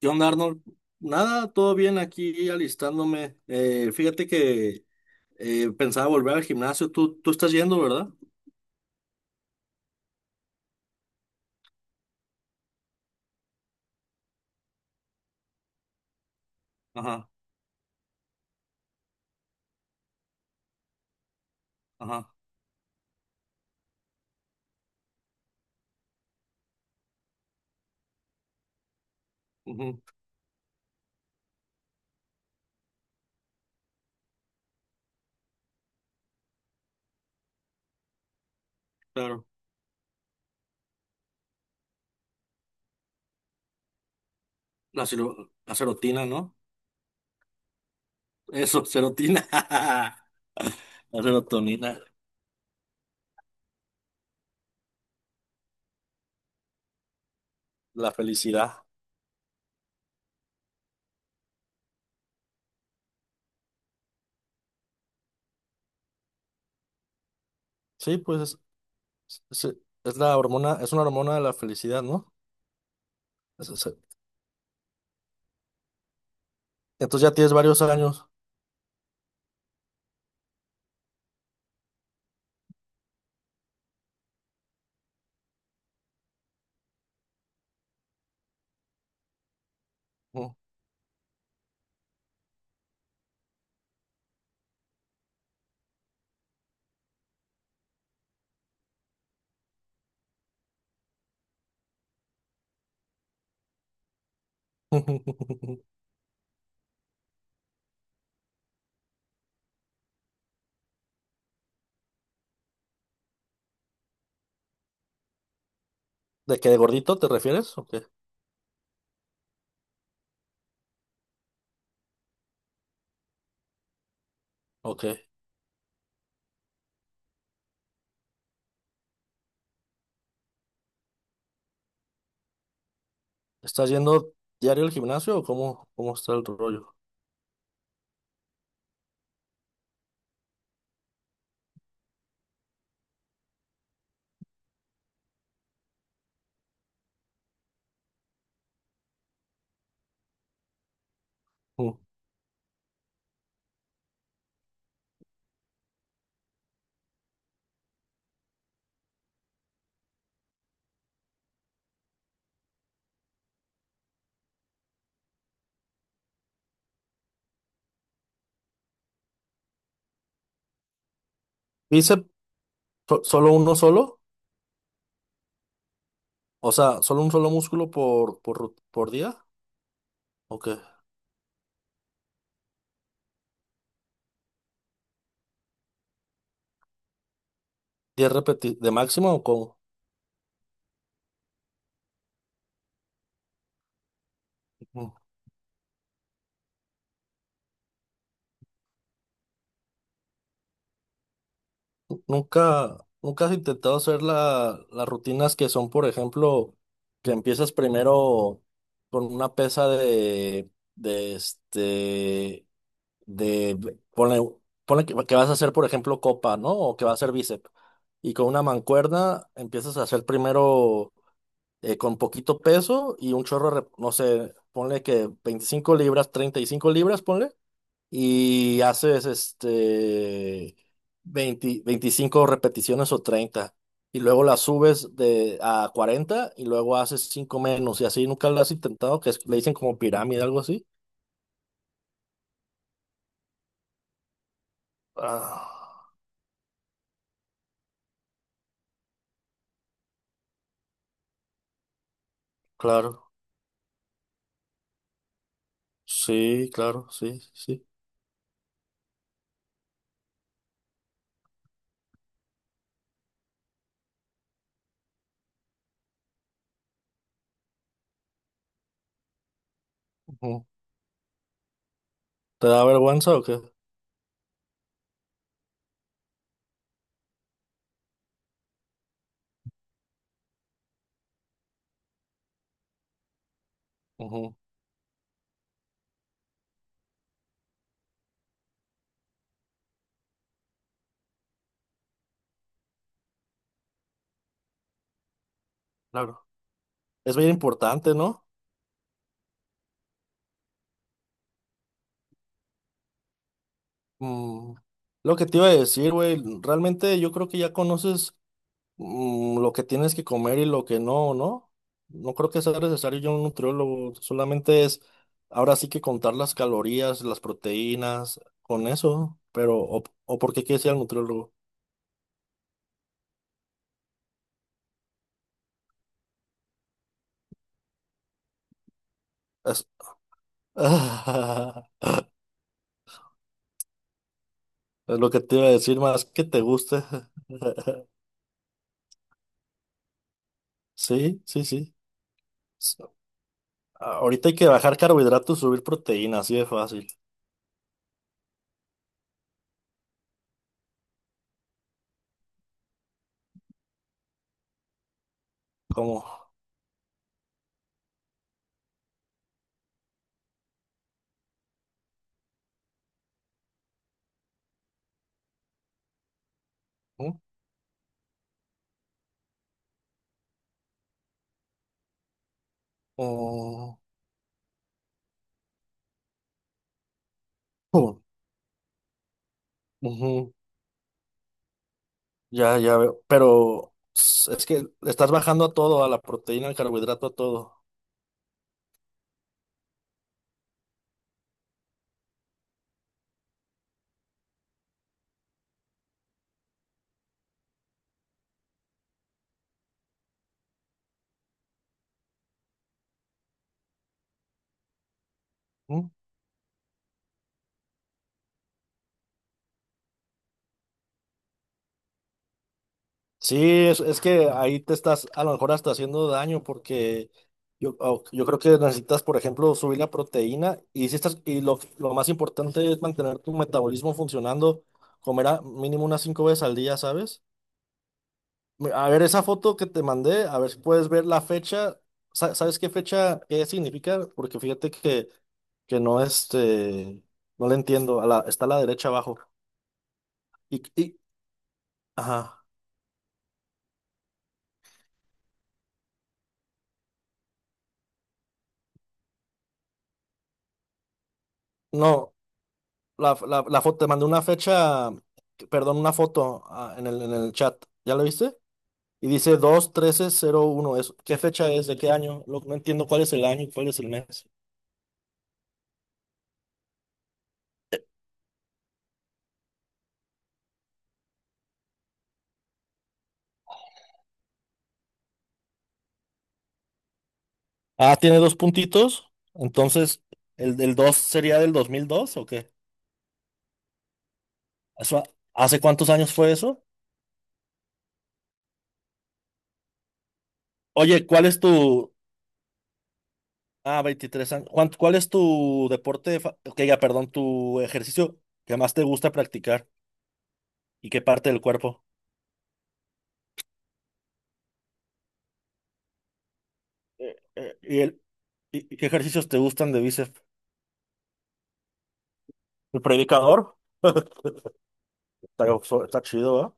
¿Qué onda, Arnold? Nada, todo bien aquí alistándome. Fíjate que pensaba volver al gimnasio. Tú estás yendo, ¿verdad? Ajá, ajá, ujú, claro. La serotina, ¿no? Eso, serotina. La serotonina, la felicidad. Sí, pues es- es la hormona, es una hormona de la felicidad, ¿no? Entonces ya tienes varios años. ¿De qué de gordito te refieres? ¿O qué? Ok. ¿Estás yendo diario al gimnasio o cómo, cómo está el rollo? Mm. ¿Bíceps solo uno solo? O sea, ¿solo un solo músculo por, por día? Ok. ¿Diez repeticiones de máximo o cómo? Mm. Nunca, nunca has intentado hacer las rutinas que son, por ejemplo, que empiezas primero con una pesa de, de, ponle, ponle que vas a hacer, por ejemplo, copa, ¿no? O que va a hacer bíceps. Y con una mancuerna empiezas a hacer primero con poquito peso y un chorro, de no sé, ponle que 25 libras, 35 libras, ponle y haces este 20 25 repeticiones o 30 y luego las subes de a 40 y luego haces 5 menos y así nunca lo has intentado que le dicen como pirámide algo así. Ah, claro. Sí, claro, sí, sí. Ujú. ¿Te da vergüenza o qué? Ujú, claro. Es bien importante, ¿no? Mm, lo que te iba a decir, güey, realmente yo creo que ya conoces mm, lo que tienes que comer y lo que no, ¿no? No creo que sea necesario yo un nutriólogo, solamente es ahora sí que contar las calorías, las proteínas, con eso, pero o por qué quieres ir al nutriólogo. Es, es lo que te iba a decir, más que te guste. Sí, sí, sí. S- Ahorita hay que bajar carbohidratos, subir proteínas, así de fácil. ¿Cómo? ¿Mm? Oh, oh, ujú. Ya, ya veo. Pero es que le estás bajando a todo, a la proteína, al carbohidrato, a todo. ¿Mm? Sí, es que ahí te estás a lo mejor hasta haciendo daño porque yo, yo creo que necesitas, por ejemplo, subir la proteína y, si estás, y lo más importante es mantener tu metabolismo funcionando, comer a mínimo unas 5 veces al día, ¿sabes? A ver esa foto que te mandé, a ver si puedes ver la fecha. ¿Sabes qué fecha, qué significa? Porque fíjate que que no este, no le entiendo, a la, está a la derecha abajo. Y, ajá, no, la foto, te mandé una fecha, perdón, una foto en el chat, ¿ya la viste? Y dice dos trece cero uno es, ¿qué fecha es? ¿De qué año? No entiendo cuál es el año y cuál es el mes. Ah, tiene dos puntitos, entonces, ¿el del 2 sería del 2002 o qué? Eso- ¿Hace cuántos años fue eso? Oye, ah, 23 años. Juan, ¿cuál es tu deporte, que ya, perdón, tu ejercicio que más te gusta practicar y qué parte del cuerpo? Eh, eh, ¿y, el, ¿y qué ejercicios te gustan de bíceps? ¿El predicador? Está, está chido, ¿ah?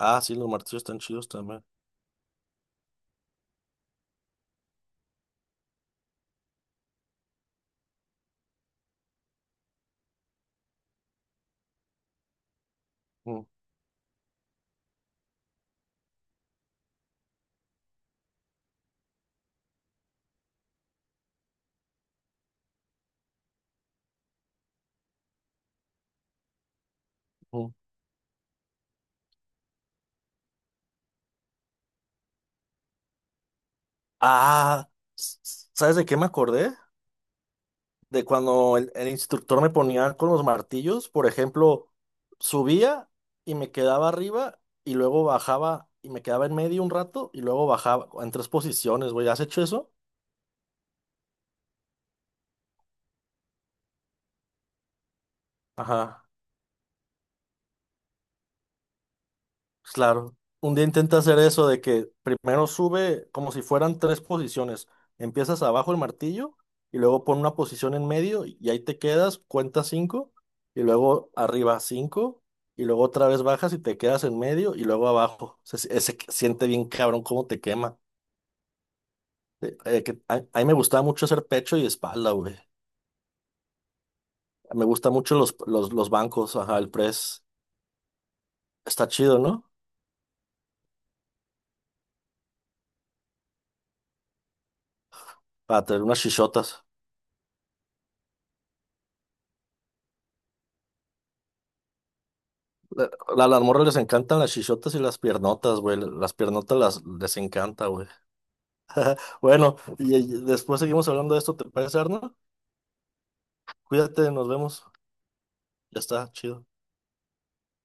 Ah, sí, los martillos están chidos también. Mm, mm. Ah, ¿sabes de qué me acordé? De cuando el instructor me ponía con los martillos, por ejemplo, subía y me quedaba arriba y luego bajaba y me quedaba en medio un rato y luego bajaba en tres posiciones, güey. ¿Has hecho eso? Ajá. Pues claro, un día intenta hacer eso de que primero sube como si fueran tres posiciones. Empiezas abajo el martillo y luego pon una posición en medio y ahí te quedas, cuenta cinco y luego arriba cinco y luego otra vez bajas y te quedas en medio y luego abajo. Se siente bien cabrón cómo te quema. Que a mí me gustaba mucho hacer pecho y espalda, güey. Me gustan mucho los bancos, ajá, el press. Está chido, ¿no? Para tener unas chichotas. la- A las morras les encantan las chichotas y las piernotas, güey. Las piernotas las, les encanta, güey. Bueno, y después seguimos hablando de esto, ¿te parece, Arno? Cuídate, nos vemos. Ya está, chido.